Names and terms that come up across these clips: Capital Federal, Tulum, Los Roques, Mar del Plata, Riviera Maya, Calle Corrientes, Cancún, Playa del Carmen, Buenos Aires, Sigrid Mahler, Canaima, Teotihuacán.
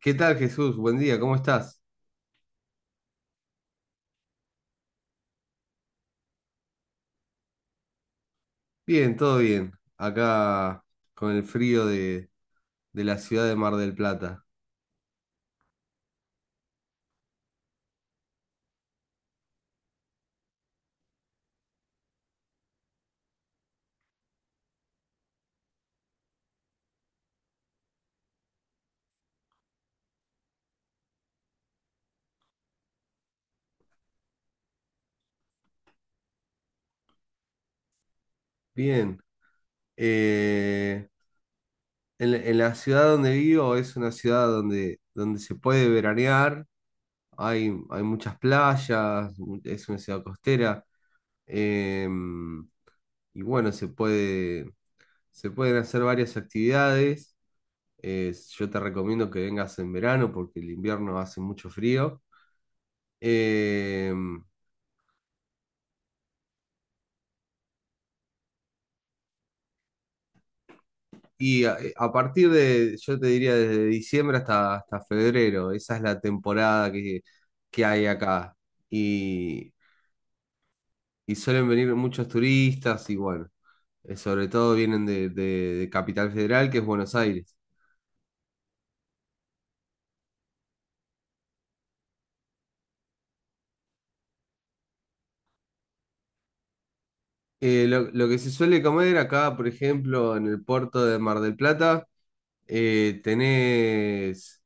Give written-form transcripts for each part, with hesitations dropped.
¿Qué tal, Jesús? Buen día, ¿cómo estás? Bien, todo bien. Acá con el frío de la ciudad de Mar del Plata. Bien. Eh, en la ciudad donde vivo es una ciudad donde se puede veranear, hay muchas playas, es una ciudad costera. em, y bueno, se pueden hacer varias actividades. Yo te recomiendo que vengas en verano porque el invierno hace mucho frío. Em, a partir de, yo te diría desde diciembre hasta febrero, esa es la temporada que hay acá. Y, y suelen venir muchos turistas y bueno, sobre todo vienen de Capital Federal, que es Buenos Aires. Lo que se suele comer acá, por ejemplo, en el puerto de Mar del Plata, tenés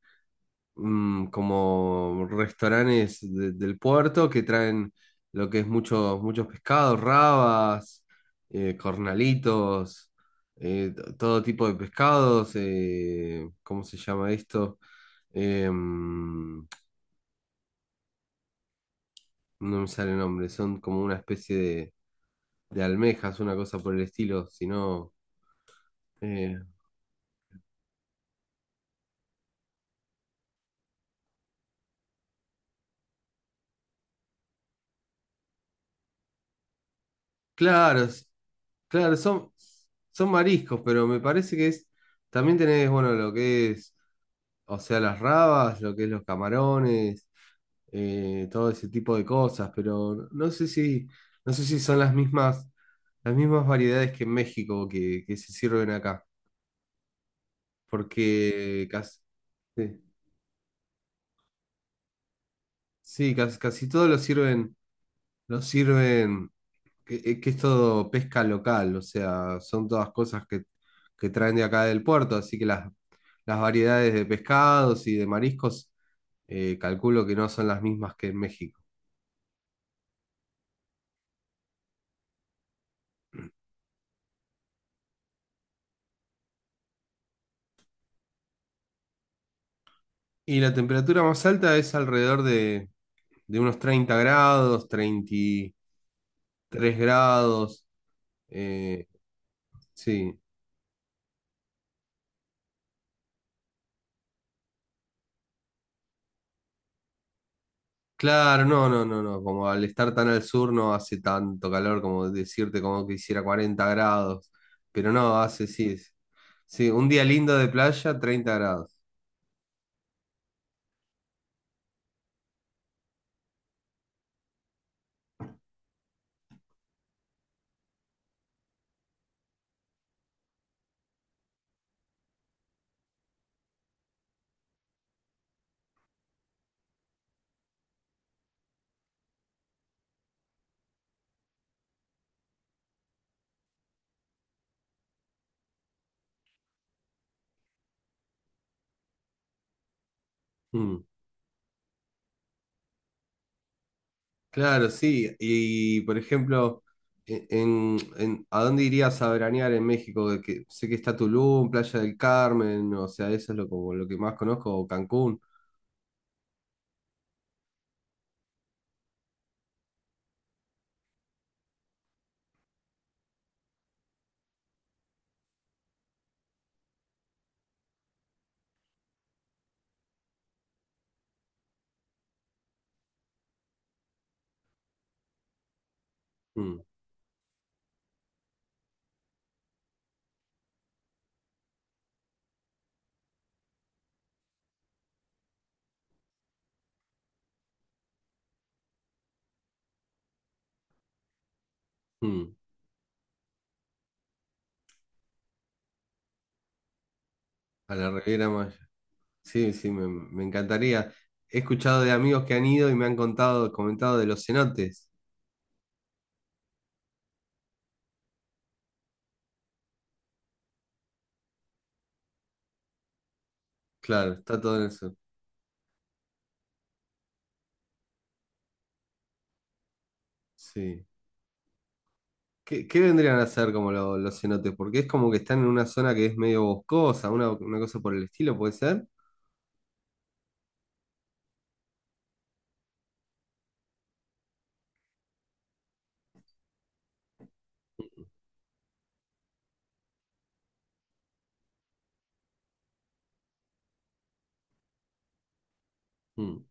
como restaurantes del puerto que traen lo que es muchos pescados, rabas, cornalitos, todo tipo de pescados, ¿cómo se llama esto? Em, no me sale el nombre, son como una especie de almejas, una cosa por el estilo, sino... Eh, claro, claro, son mariscos, pero me parece que es... También tenés, bueno, lo que es. O sea, las rabas, lo que es los camarones, todo ese tipo de cosas, pero no sé si son las mismas variedades que en México que se sirven acá, porque casi, sí, sí, casi, casi todo lo sirven, lo sirven, que es todo pesca local, o sea, son todas cosas que traen de acá del puerto, así que las variedades de pescados y de mariscos, calculo que no son las mismas que en México. Y la temperatura más alta es alrededor de unos 30 grados, 33 grados. eh, sí, claro, no, no, no, no. Como al estar tan al sur no hace tanto calor como decirte como que hiciera 40 grados. Pero no, hace sí. Sí, un día lindo de playa, 30 grados. Mm. Claro, sí. Y por ejemplo, ¿a dónde irías a veranear en México? De que, sé que está Tulum, Playa del Carmen, o sea, eso es lo, como lo que más conozco, o Cancún, Mm, mm, a la Riviera Maya. Sí, sí, me encantaría. He escuchado de amigos que han ido y me han comentado de los cenotes. Claro, está todo en eso. Sí. ¿Qué, qué vendrían a hacer como los cenotes? Porque es como que están en una zona que es medio boscosa, una cosa por el estilo, ¿puede ser? Mm,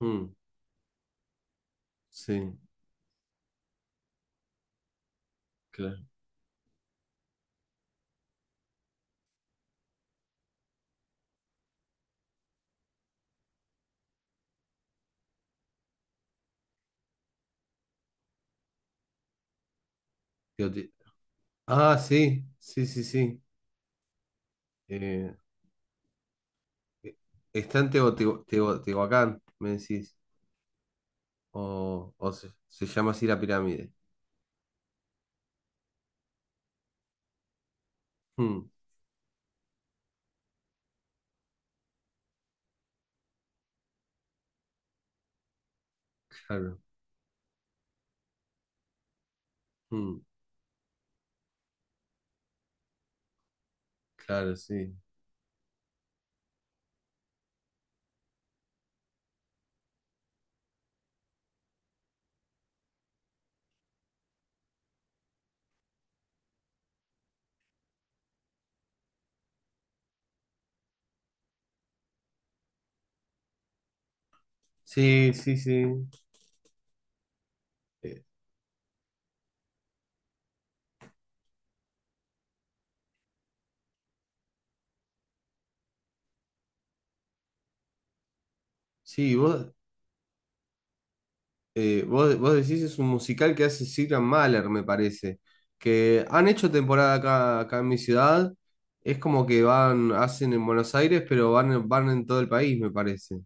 mm, sí. Claro. Teotihu- Ah, sí, sí, sí, sí. Eh, eh, está en Teotihuacán, me decís. O se llama así la pirámide. Mm, claro, mm, claro, sí. Sí, sí, sí. Eh, sí, vos, vos decís es un musical que hace Sigrid Mahler, me parece. Que han hecho temporada acá, acá en mi ciudad. Es como que van, hacen en Buenos Aires, pero van en todo el país, me parece.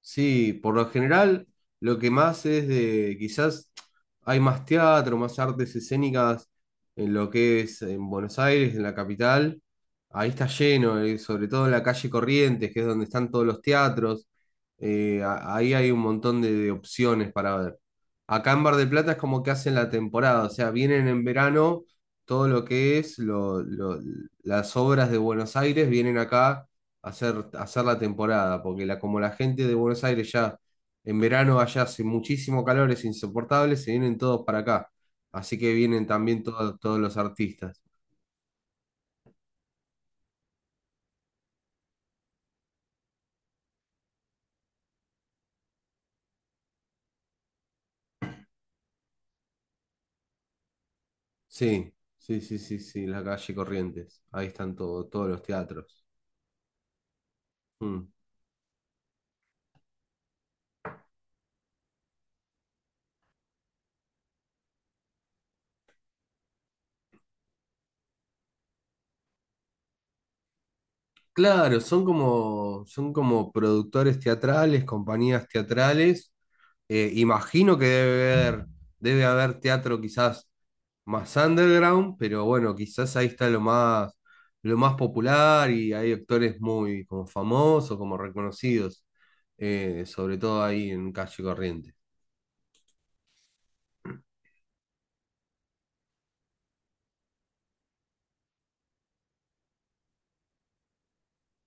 Sí, por lo general lo que más es de, quizás hay más teatro, más artes escénicas en lo que es en Buenos Aires, en la capital. Ahí está lleno, sobre todo en la calle Corrientes, que es donde están todos los teatros. Ahí hay un montón de opciones para ver. Acá en Bar del Plata es como que hacen la temporada, o sea, vienen en verano todo lo que es las obras de Buenos Aires, vienen acá hacer la temporada, porque como la gente de Buenos Aires ya en verano allá hace muchísimo calor, es insoportable, se vienen todos para acá. Así que vienen también todos los artistas. Sí, sí, sí, sí, sí, la calle Corrientes. Ahí están todos los teatros. Mm. Claro, son como productores teatrales, compañías teatrales. Imagino que debe haber teatro quizás más underground, pero bueno, quizás ahí está lo más popular y hay actores muy como famosos, como reconocidos, sobre todo ahí en Calle Corriente.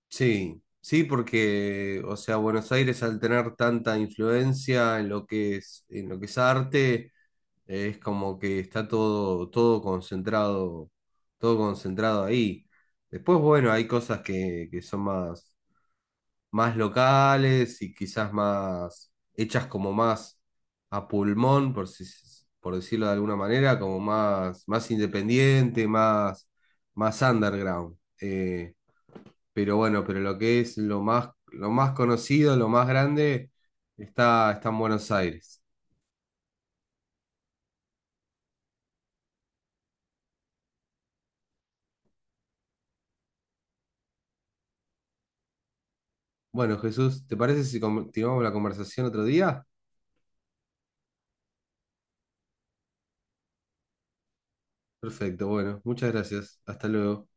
Sí, sí, porque, o sea, Buenos Aires al tener tanta influencia en lo que es arte. Es como que está todo, todo concentrado ahí. Después, bueno, hay cosas que son más, más locales y quizás más hechas como más a pulmón, por si- por decirlo de alguna manera, como más, más independiente, más, más underground. Pero bueno, pero lo que es lo más conocido, lo más grande, está, está en Buenos Aires. Bueno, Jesús, ¿te parece si continuamos la conversación otro día? Perfecto, bueno, muchas gracias. Hasta luego.